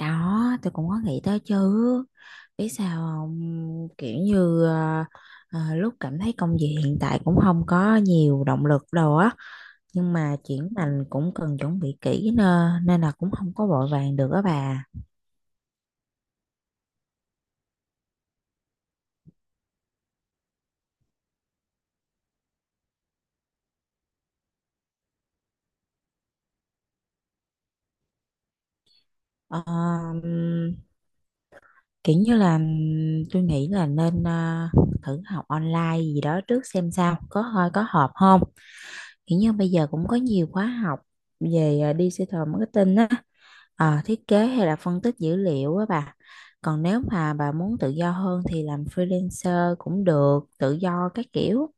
Đó, tôi cũng có nghĩ tới chứ. Biết sao không? Kiểu như à, à, lúc cảm thấy công việc hiện tại cũng không có nhiều động lực đâu á. Nhưng mà chuyển ngành cũng cần chuẩn bị kỹ nên là cũng không có vội vàng được á bà. Ờ, ừm, kiểu như là tôi nghĩ là nên thử học online gì đó trước xem sao. Có hợp không? Kiểu như bây giờ cũng có nhiều khóa học về digital marketing á. Ờ, thiết kế hay là phân tích dữ liệu á bà. Còn nếu mà bà muốn tự do hơn thì làm freelancer cũng được, tự do các kiểu.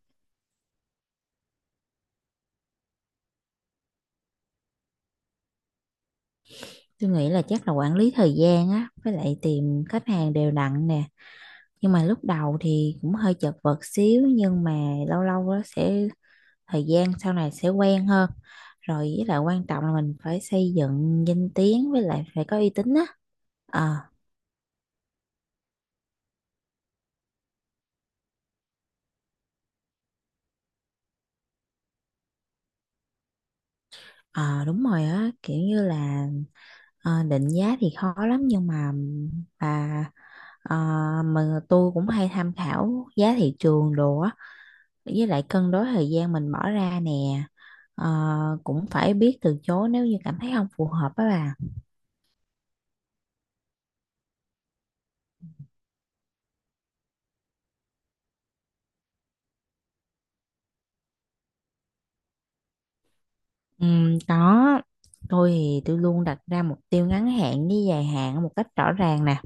Tôi nghĩ là chắc là quản lý thời gian á, với lại tìm khách hàng đều đặn nè. Nhưng mà lúc đầu thì cũng hơi chật vật xíu, nhưng mà lâu lâu á sẽ thời gian sau này sẽ quen hơn. Rồi với lại quan trọng là mình phải xây dựng danh tiếng, với lại phải có uy tín á. Ờ, ờ, đúng rồi á, kiểu như là Ờ, định giá thì khó lắm nhưng mà bà ờ, tôi cũng hay tham khảo giá thị trường đồ á, với lại cân đối thời gian mình bỏ ra nè. Ờ, cũng phải biết từ chối nếu như cảm thấy không phù hợp á bà. Có, tôi thì tôi luôn đặt ra mục tiêu ngắn hạn với dài hạn một cách rõ ràng nè.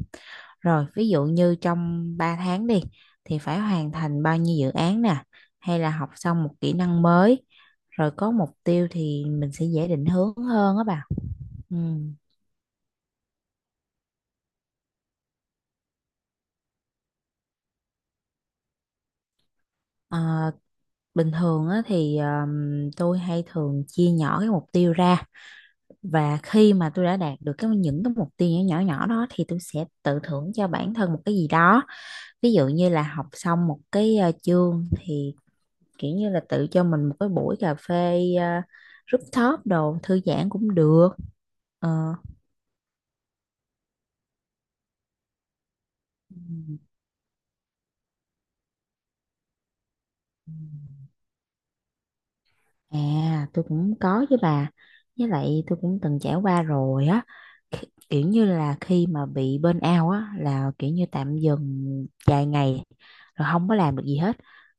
Rồi, ví dụ như trong 3 tháng đi thì phải hoàn thành bao nhiêu dự án nè, hay là học xong một kỹ năng mới, rồi có mục tiêu thì mình sẽ dễ định hướng hơn á bà. Ừ. Ờ, bình thường á, thì tôi hay thường chia nhỏ cái mục tiêu ra, và khi mà tôi đã đạt được những cái mục tiêu nhỏ nhỏ nhỏ đó thì tôi sẽ tự thưởng cho bản thân một cái gì đó. Ví dụ như là học xong một cái chương thì kiểu như là tự cho mình một cái buổi cà phê rooftop đồ thư giãn cũng được. Ờ. À, tôi cũng có với bà, với lại tôi cũng từng trải qua rồi á. Kiểu như là khi mà bị burn out á là kiểu như tạm dừng vài ngày rồi không có làm được gì hết,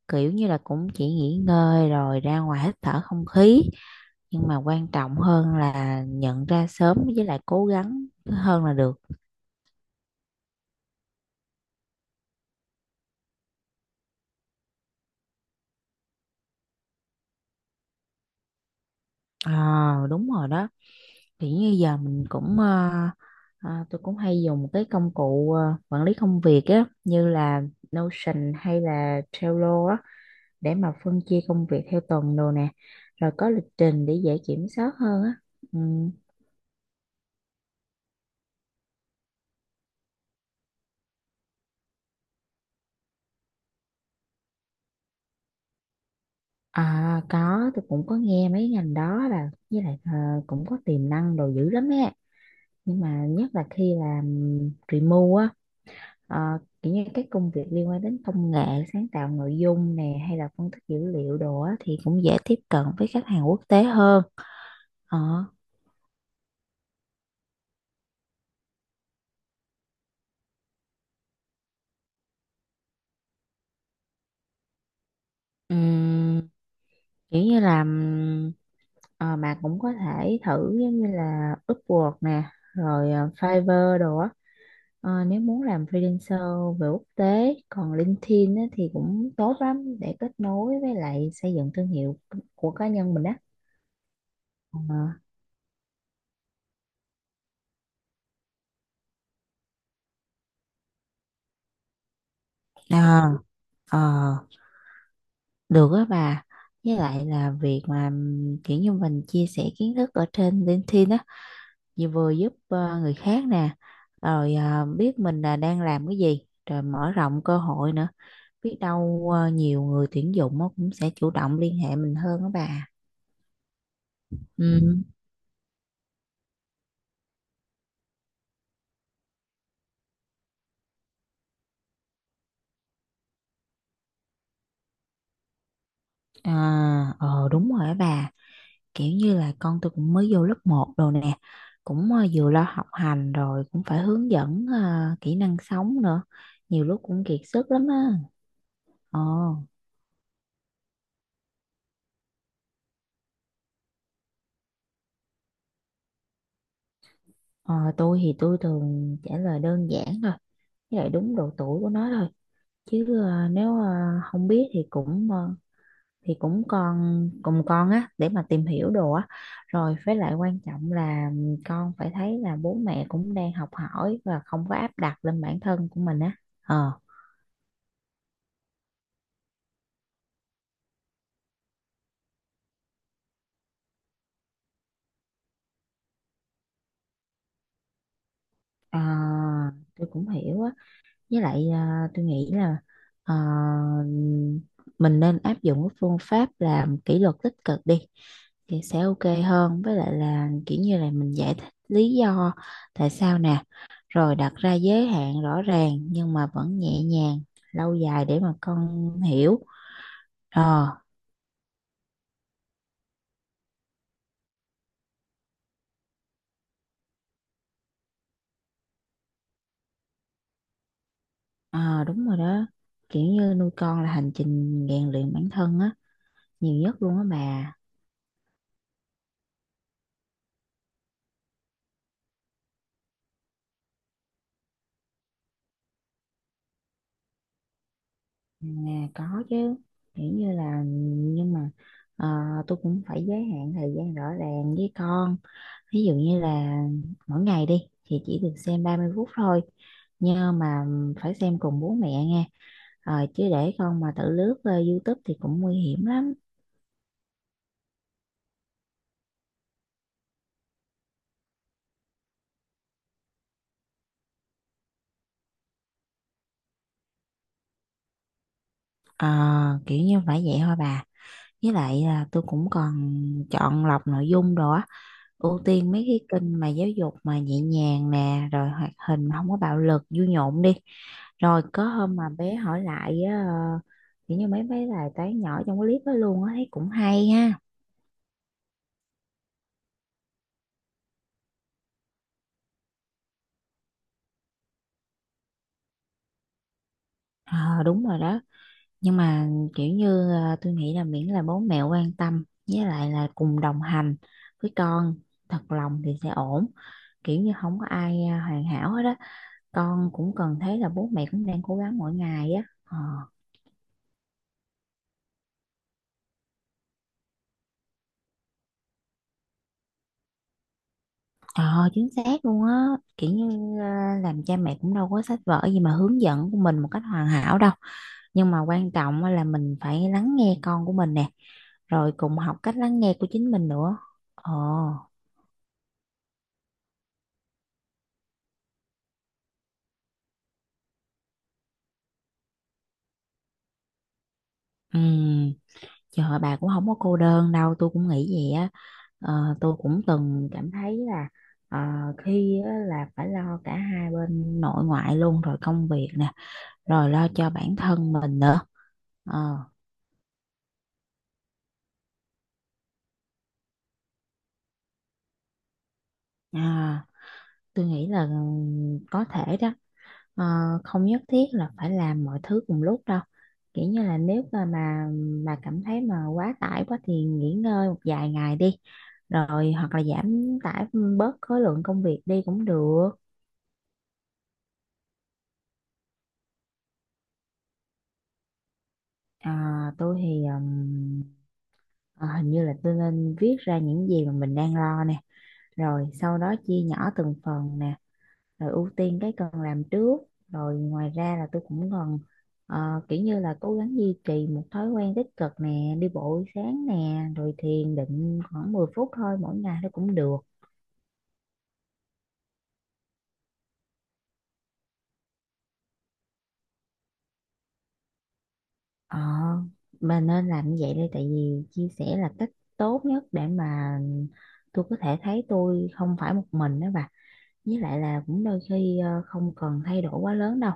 kiểu như là cũng chỉ nghỉ ngơi rồi ra ngoài hít thở không khí, nhưng mà quan trọng hơn là nhận ra sớm với lại cố gắng hơn là được. À, đúng rồi đó. Thì như giờ mình cũng tôi cũng hay dùng cái công cụ quản lý công việc á như là Notion hay là Trello á, để mà phân chia công việc theo tuần đồ nè, rồi có lịch trình để dễ kiểm soát hơn á. Ừ. À, có, tôi cũng có nghe mấy ngành đó là với lại cũng có tiềm năng đồ dữ lắm á, nhưng mà nhất là khi làm remote á. Ờ, kiểu như các công việc liên quan đến công nghệ, sáng tạo nội dung nè hay là phân tích dữ liệu đồ á, thì cũng dễ tiếp cận với khách hàng quốc tế hơn. ờ, ừm, kiểu như là mà cũng có thể thử giống như là Upwork nè, rồi Fiverr đồ á. Ờ, nếu muốn làm freelancer về quốc tế còn LinkedIn á, thì cũng tốt lắm để kết nối với lại xây dựng thương hiệu của cá nhân mình á. Ờ. Ờ, ờ. Được á bà. Với lại là việc mà kiểu như mình chia sẻ kiến thức ở trên LinkedIn á, Vừa vừa giúp người khác nè, rồi biết mình là đang làm cái gì, rồi mở rộng cơ hội nữa. Biết đâu nhiều người tuyển dụng á cũng sẽ chủ động liên hệ mình hơn á bà. Ừ, à, ờ đúng rồi á bà. Kiểu như là con tôi cũng mới vô lớp một rồi nè. Cũng vừa lo học hành rồi, cũng phải hướng dẫn kỹ năng sống nữa. Nhiều lúc cũng kiệt sức lắm á. Ờ. Ờ, tôi thì tôi thường trả lời đơn giản thôi, với lại đúng độ tuổi của nó thôi. Chứ nếu không biết thì thì cũng con cùng con á để mà tìm hiểu đồ á. Rồi với lại quan trọng là con phải thấy là bố mẹ cũng đang học hỏi và không có áp đặt lên bản thân của mình á. Ờ, ờ, tôi cũng hiểu á. Với lại tôi nghĩ là à, mình nên áp dụng cái phương pháp làm kỷ luật tích cực đi thì sẽ ok hơn, với lại là kiểu như là mình giải thích lý do tại sao nè, rồi đặt ra giới hạn rõ ràng nhưng mà vẫn nhẹ nhàng, lâu dài để mà con hiểu. ờ ờ, đúng rồi đó, kiểu như nuôi con là hành trình rèn luyện bản thân á, nhiều nhất luôn á bà. Nhà có chứ, kiểu như là nhưng mà ờ, tôi cũng phải giới hạn thời gian rõ ràng với con. Ví dụ như là mỗi ngày đi thì chỉ được xem 30 phút thôi, nhưng mà phải xem cùng bố mẹ nghe. Ờ, chứ để con mà tự lướt YouTube thì cũng nguy hiểm lắm. Ờ, kiểu như phải vậy thôi bà, với lại là tôi cũng còn chọn lọc nội dung đồ á, ưu tiên mấy cái kênh mà giáo dục mà nhẹ nhàng nè rồi hoạt hình mà không có bạo lực vui nhộn đi. Rồi có hôm mà bé hỏi lại á, kiểu như mấy mấy bài toán nhỏ trong cái clip đó luôn á, thấy cũng hay ha. Ờ đúng rồi đó. Nhưng mà kiểu như tôi nghĩ là miễn là bố mẹ quan tâm với lại là cùng đồng hành với con thật lòng thì sẽ ổn. Kiểu như không có ai hoàn hảo hết á. Con cũng cần thấy là bố mẹ cũng đang cố gắng mỗi ngày á. Ờ. Ờ chính xác luôn á, kiểu như làm cha mẹ cũng đâu có sách vở gì mà hướng dẫn của mình một cách hoàn hảo đâu, nhưng mà quan trọng á là mình phải lắng nghe con của mình nè, rồi cùng học cách lắng nghe của chính mình nữa. ồ ừm, trời ơi, bà cũng không có cô đơn đâu, tôi cũng nghĩ vậy á. Ờ, tôi cũng từng cảm thấy là ờ, khi á là phải lo cả hai bên nội ngoại luôn, rồi công việc nè, rồi lo cho bản thân mình nữa. ờ à. Tôi nghĩ là ừ, có thể đó. Ờ, không nhất thiết là phải làm mọi thứ cùng lúc đâu, kiểu như là nếu mà cảm thấy mà quá tải quá thì nghỉ ngơi một vài ngày đi, rồi hoặc là giảm tải bớt khối lượng công việc đi cũng được. À, tôi thì hình như là tôi nên viết ra những gì mà mình đang lo nè, rồi sau đó chia nhỏ từng phần nè, rồi ưu tiên cái cần làm trước, rồi ngoài ra là tôi cũng còn ờ, kiểu như là cố gắng duy trì một thói quen tích cực nè, đi bộ buổi sáng nè rồi thiền định khoảng 10 phút thôi mỗi ngày nó cũng được. ờ mà nên làm như vậy đây, tại vì chia sẻ là cách tốt nhất để mà tôi có thể thấy tôi không phải một mình đó bà. Với lại là cũng đôi khi không cần thay đổi quá lớn đâu,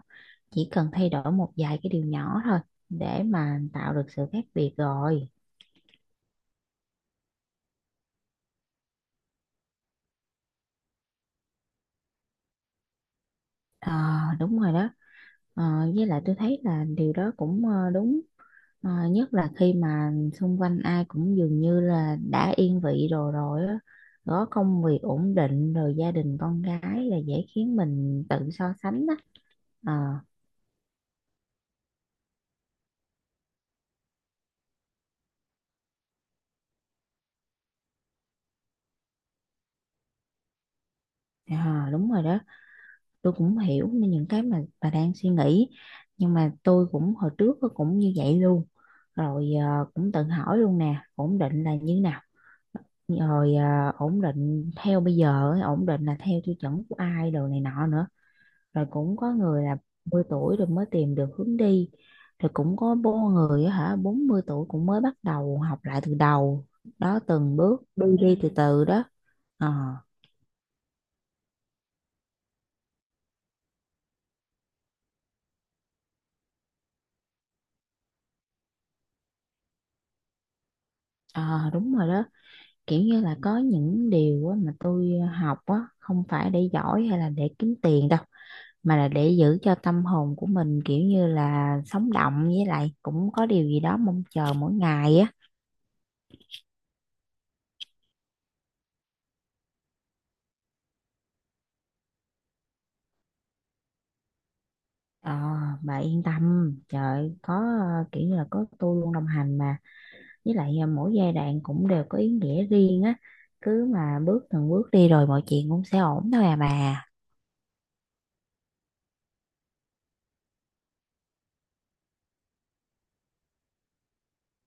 chỉ cần thay đổi một vài cái điều nhỏ thôi để mà tạo được sự khác biệt rồi. Ờ, đúng rồi đó. Ờ, với lại tôi thấy là điều đó cũng đúng. Ờ, nhất là khi mà xung quanh ai cũng dường như là đã yên vị rồi rồi á, có công việc ổn định, rồi gia đình con cái là dễ khiến mình tự so sánh á. Ờ, ờ, đúng rồi đó, tôi cũng hiểu nên những cái mà bà đang suy nghĩ, nhưng mà tôi cũng hồi trước cũng như vậy luôn. Rồi cũng tự hỏi luôn nè, ổn định là như nào, rồi ổn định theo bây giờ ấy, ổn định là theo tiêu chuẩn của ai đồ này nọ nữa. Rồi cũng có người là 10 tuổi rồi mới tìm được hướng đi, rồi cũng có bố người á hả 40 tuổi cũng mới bắt đầu học lại từ đầu, đó từng bước đi đi từ từ đó. ờ ờ, đúng rồi đó, kiểu như là có những điều á mà tôi học á không phải để giỏi hay là để kiếm tiền đâu, mà là để giữ cho tâm hồn của mình kiểu như là sống động, với lại cũng có điều gì đó mong chờ mỗi ngày á. Ờ, bà yên tâm, trời có kiểu như là có tôi luôn đồng hành mà, với lại mỗi giai đoạn cũng đều có ý nghĩa riêng á, cứ mà bước từng bước đi rồi mọi chuyện cũng sẽ ổn thôi à bà.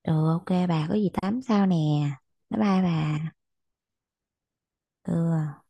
Ừ, ok bà, có gì tám sao nè. Bye bye bà. Ừ.